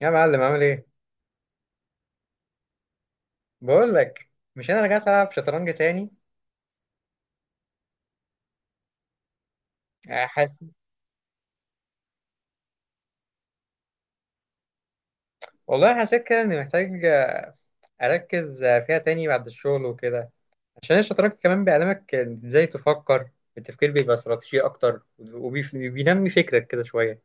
يا معلم عامل ايه؟ بقول لك، مش انا رجعت العب شطرنج تاني؟ آه، حاسس. والله حسيت كده اني محتاج اركز فيها تاني بعد الشغل وكده. عشان الشطرنج كمان بيعلمك ازاي تفكر. التفكير بيبقى استراتيجي اكتر وبينمي فكرك كده شوية.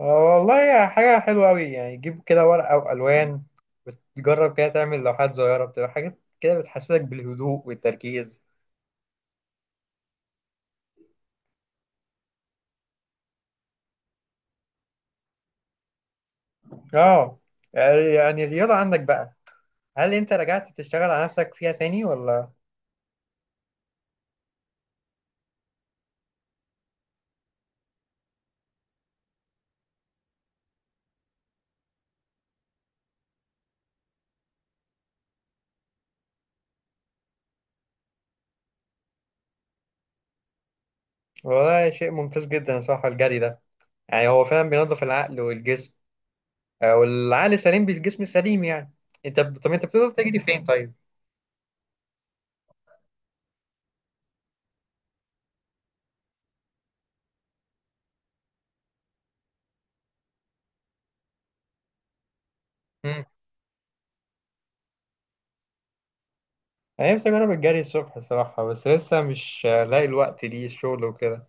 آه والله، يا حاجة حلوة أوي. يعني تجيب كده ورقة وألوان وتجرب كده تعمل لوحات صغيرة، بتبقى حاجات كده بتحسسك بالهدوء والتركيز. آه. يعني الرياضة عندك بقى، هل أنت رجعت تشتغل على نفسك فيها تاني ولا؟ وده شيء ممتاز جدا صراحة الجري ده، يعني هو فعلا بينظف العقل والجسم. آه، والعقل سليم بالجسم سليم يعني. طب انت بتقدر تجري فين طيب؟ مم. انا نفسي اجرب الجري الصبح الصراحة، بس لسه مش لاقي الوقت ليه، الشغل وكده.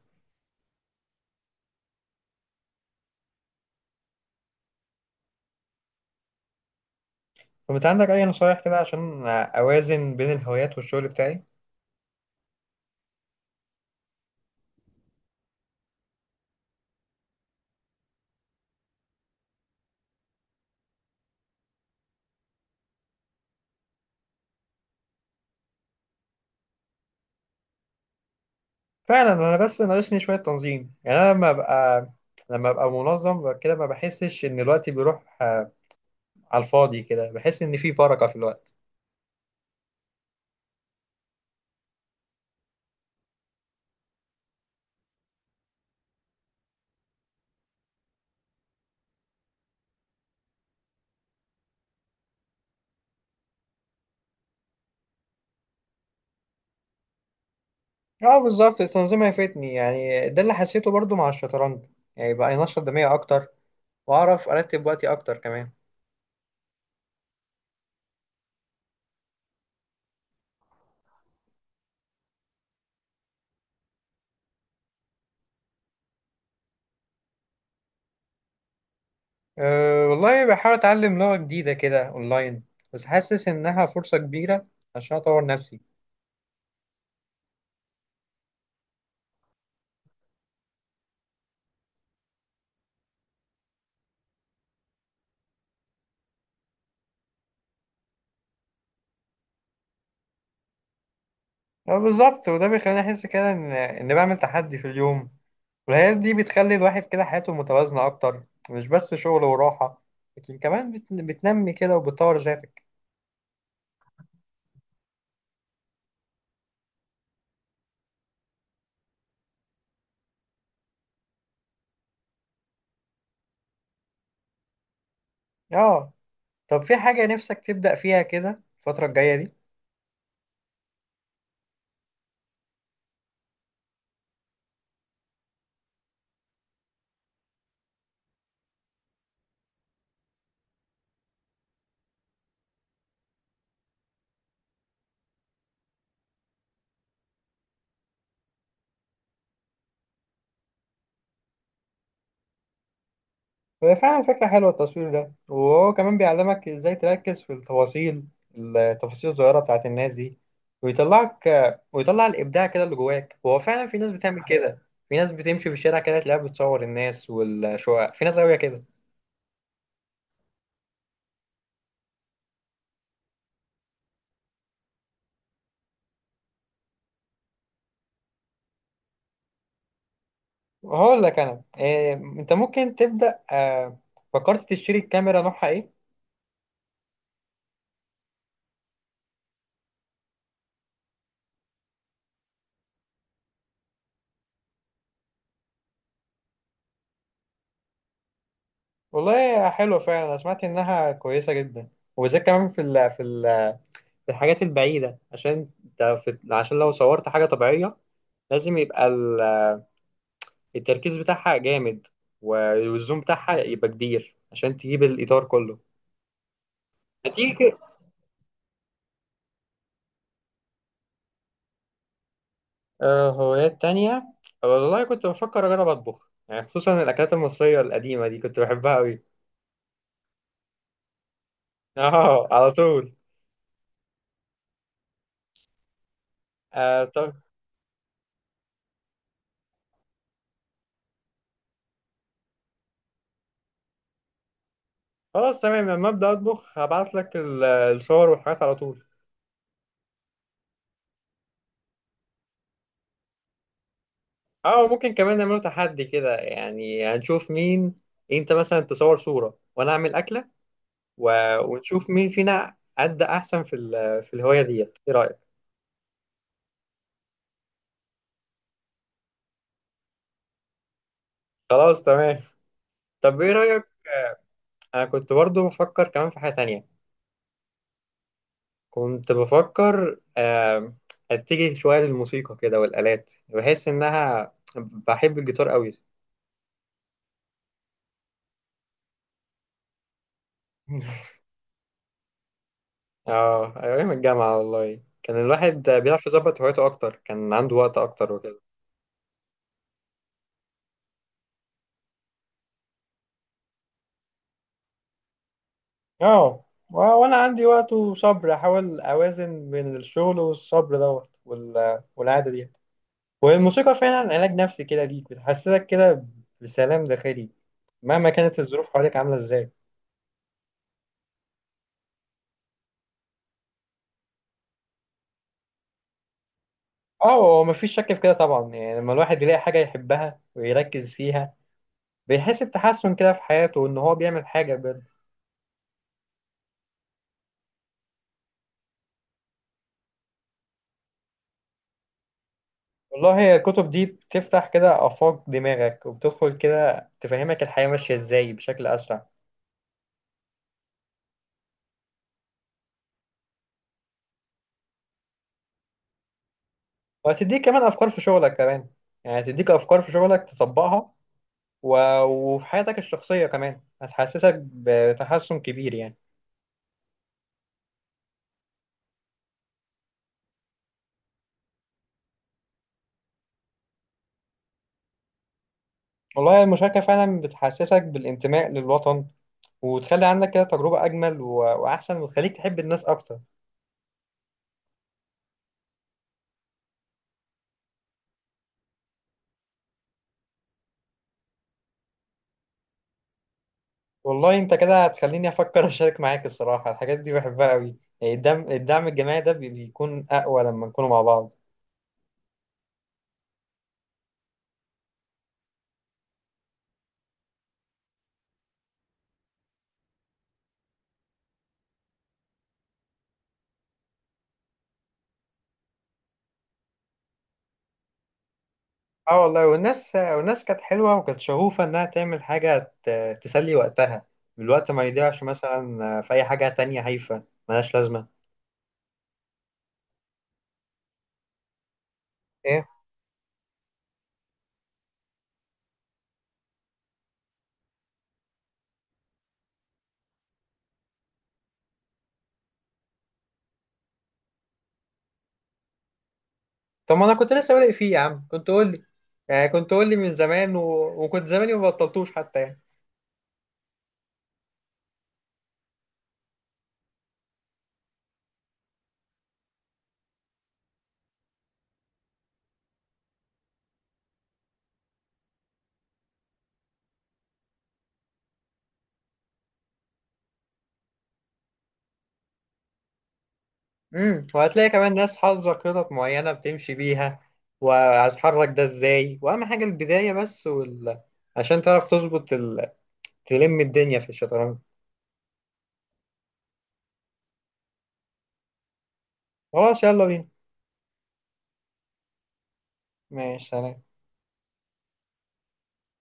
طب انت عندك اي نصايح كده عشان اوازن بين الهوايات والشغل بتاعي؟ فعلا، انا بس ناقصني شوية تنظيم. يعني انا لما ابقى منظم كده، ما بحسش ان الوقت بيروح على الفاضي كده، بحس ان في بركة في الوقت. اه بالظبط، التنظيم هيفيدني. يعني ده اللي حسيته برضو مع الشطرنج، يعني بقى ينشط دماغي اكتر، واعرف ارتب وقتي اكتر كمان. أه والله، بحاول اتعلم لغة جديدة كده اونلاين، بس حاسس انها فرصة كبيرة عشان اطور نفسي. اه بالظبط، وده بيخليني احس كده ان بعمل تحدي في اليوم. والهوايات دي بتخلي الواحد كده حياته متوازنة اكتر، مش بس شغل وراحة، لكن كمان بتنمي كده وبتطور ذاتك. اه طب، في حاجة نفسك تبدأ فيها كده الفترة الجاية دي؟ هي فعلا فكرة حلوة التصوير ده، وهو كمان بيعلمك ازاي تركز في التفاصيل، التفاصيل الصغيرة بتاعت الناس دي. ويطلعك ويطلع الإبداع كده اللي جواك. هو فعلا في ناس بتعمل كده، في ناس بتمشي في الشارع كده تلاقيها بتصور الناس والشقق، في ناس قوية كده. هقول لك أنا إيه، أنت ممكن تبدأ فكرت تشتري الكاميرا، نوعها إيه؟ والله حلوة فعلا، أنا سمعت إنها كويسة جدا، وبالذات كمان في ال في ال في الحاجات البعيدة، عشان انت عشان لو صورت حاجة طبيعية، لازم يبقى التركيز بتاعها جامد، والزوم بتاعها يبقى كبير عشان تجيب الإطار كله. هتيجي كده. آه، هوايات تانية، والله كنت بفكر أجرب أطبخ، يعني خصوصا الأكلات المصرية القديمة دي كنت بحبها أوي. أه على طول. آه طب، خلاص تمام، لما أبدأ أطبخ هبعت لك الصور والحاجات على طول. أه ممكن كمان نعمله تحدي كده، يعني هنشوف مين، أنت مثلا تصور صورة وأنا أعمل أكلة و... ونشوف مين فينا أدى أحسن في في الهواية ديت، إيه رأيك؟ خلاص تمام. طب إيه رأيك؟ أنا كنت برضو بفكر كمان في حاجة تانية، كنت بفكر أتجه شوية للموسيقى كده والآلات، بحس إنها بحب الجيتار قوي. اه، أيام الجامعة والله كان الواحد بيعرف يظبط هوايته أكتر، كان عنده وقت أكتر وكده. اه، وانا عندي وقت وصبر، احاول اوازن بين الشغل والصبر دوت والعادة دي. والموسيقى فعلا علاج نفسي كده ليك، بتحسسك كده بسلام داخلي مهما كانت الظروف حواليك عاملة ازاي. اه، هو مفيش شك في كده طبعا. يعني لما الواحد يلاقي حاجة يحبها ويركز فيها، بيحس بتحسن كده في حياته، وان هو بيعمل حاجة بجد. والله هي الكتب دي بتفتح كده آفاق دماغك، وبتدخل كده تفهمك الحياة ماشية ازاي بشكل أسرع. وهتديك كمان أفكار في شغلك كمان، يعني هتديك أفكار في شغلك تطبقها و... وفي حياتك الشخصية كمان هتحسسك بتحسن كبير يعني. والله المشاركة فعلا بتحسسك بالانتماء للوطن، وتخلي عندك كده تجربة أجمل وأحسن، وتخليك تحب الناس أكتر. والله أنت كده هتخليني أفكر أشارك معاك الصراحة، الحاجات دي بحبها أوي. يعني الدعم الجماعي ده بيكون أقوى لما نكونوا مع بعض. اه والله، والناس كانت حلوة، وكانت شغوفة إنها تعمل حاجة تسلي وقتها، الوقت ما يضيعش مثلا في أي حاجة تانية هايفة ملهاش لازمة. إيه؟ طب ما أنا كنت لسه بادئ فيه يا عم، كنت قول لي، يعني كنت قول لي من زمان و... وكنت زماني ما بطلتوش حتى يعني. امم، وهتلاقي كمان ناس حافظة خطط معينة بتمشي بيها، وهتحرك ده ازاي، واهم حاجة البداية بس عشان تعرف تظبط تلم الدنيا في الشطرنج. خلاص يلا بينا. ماشي سلام.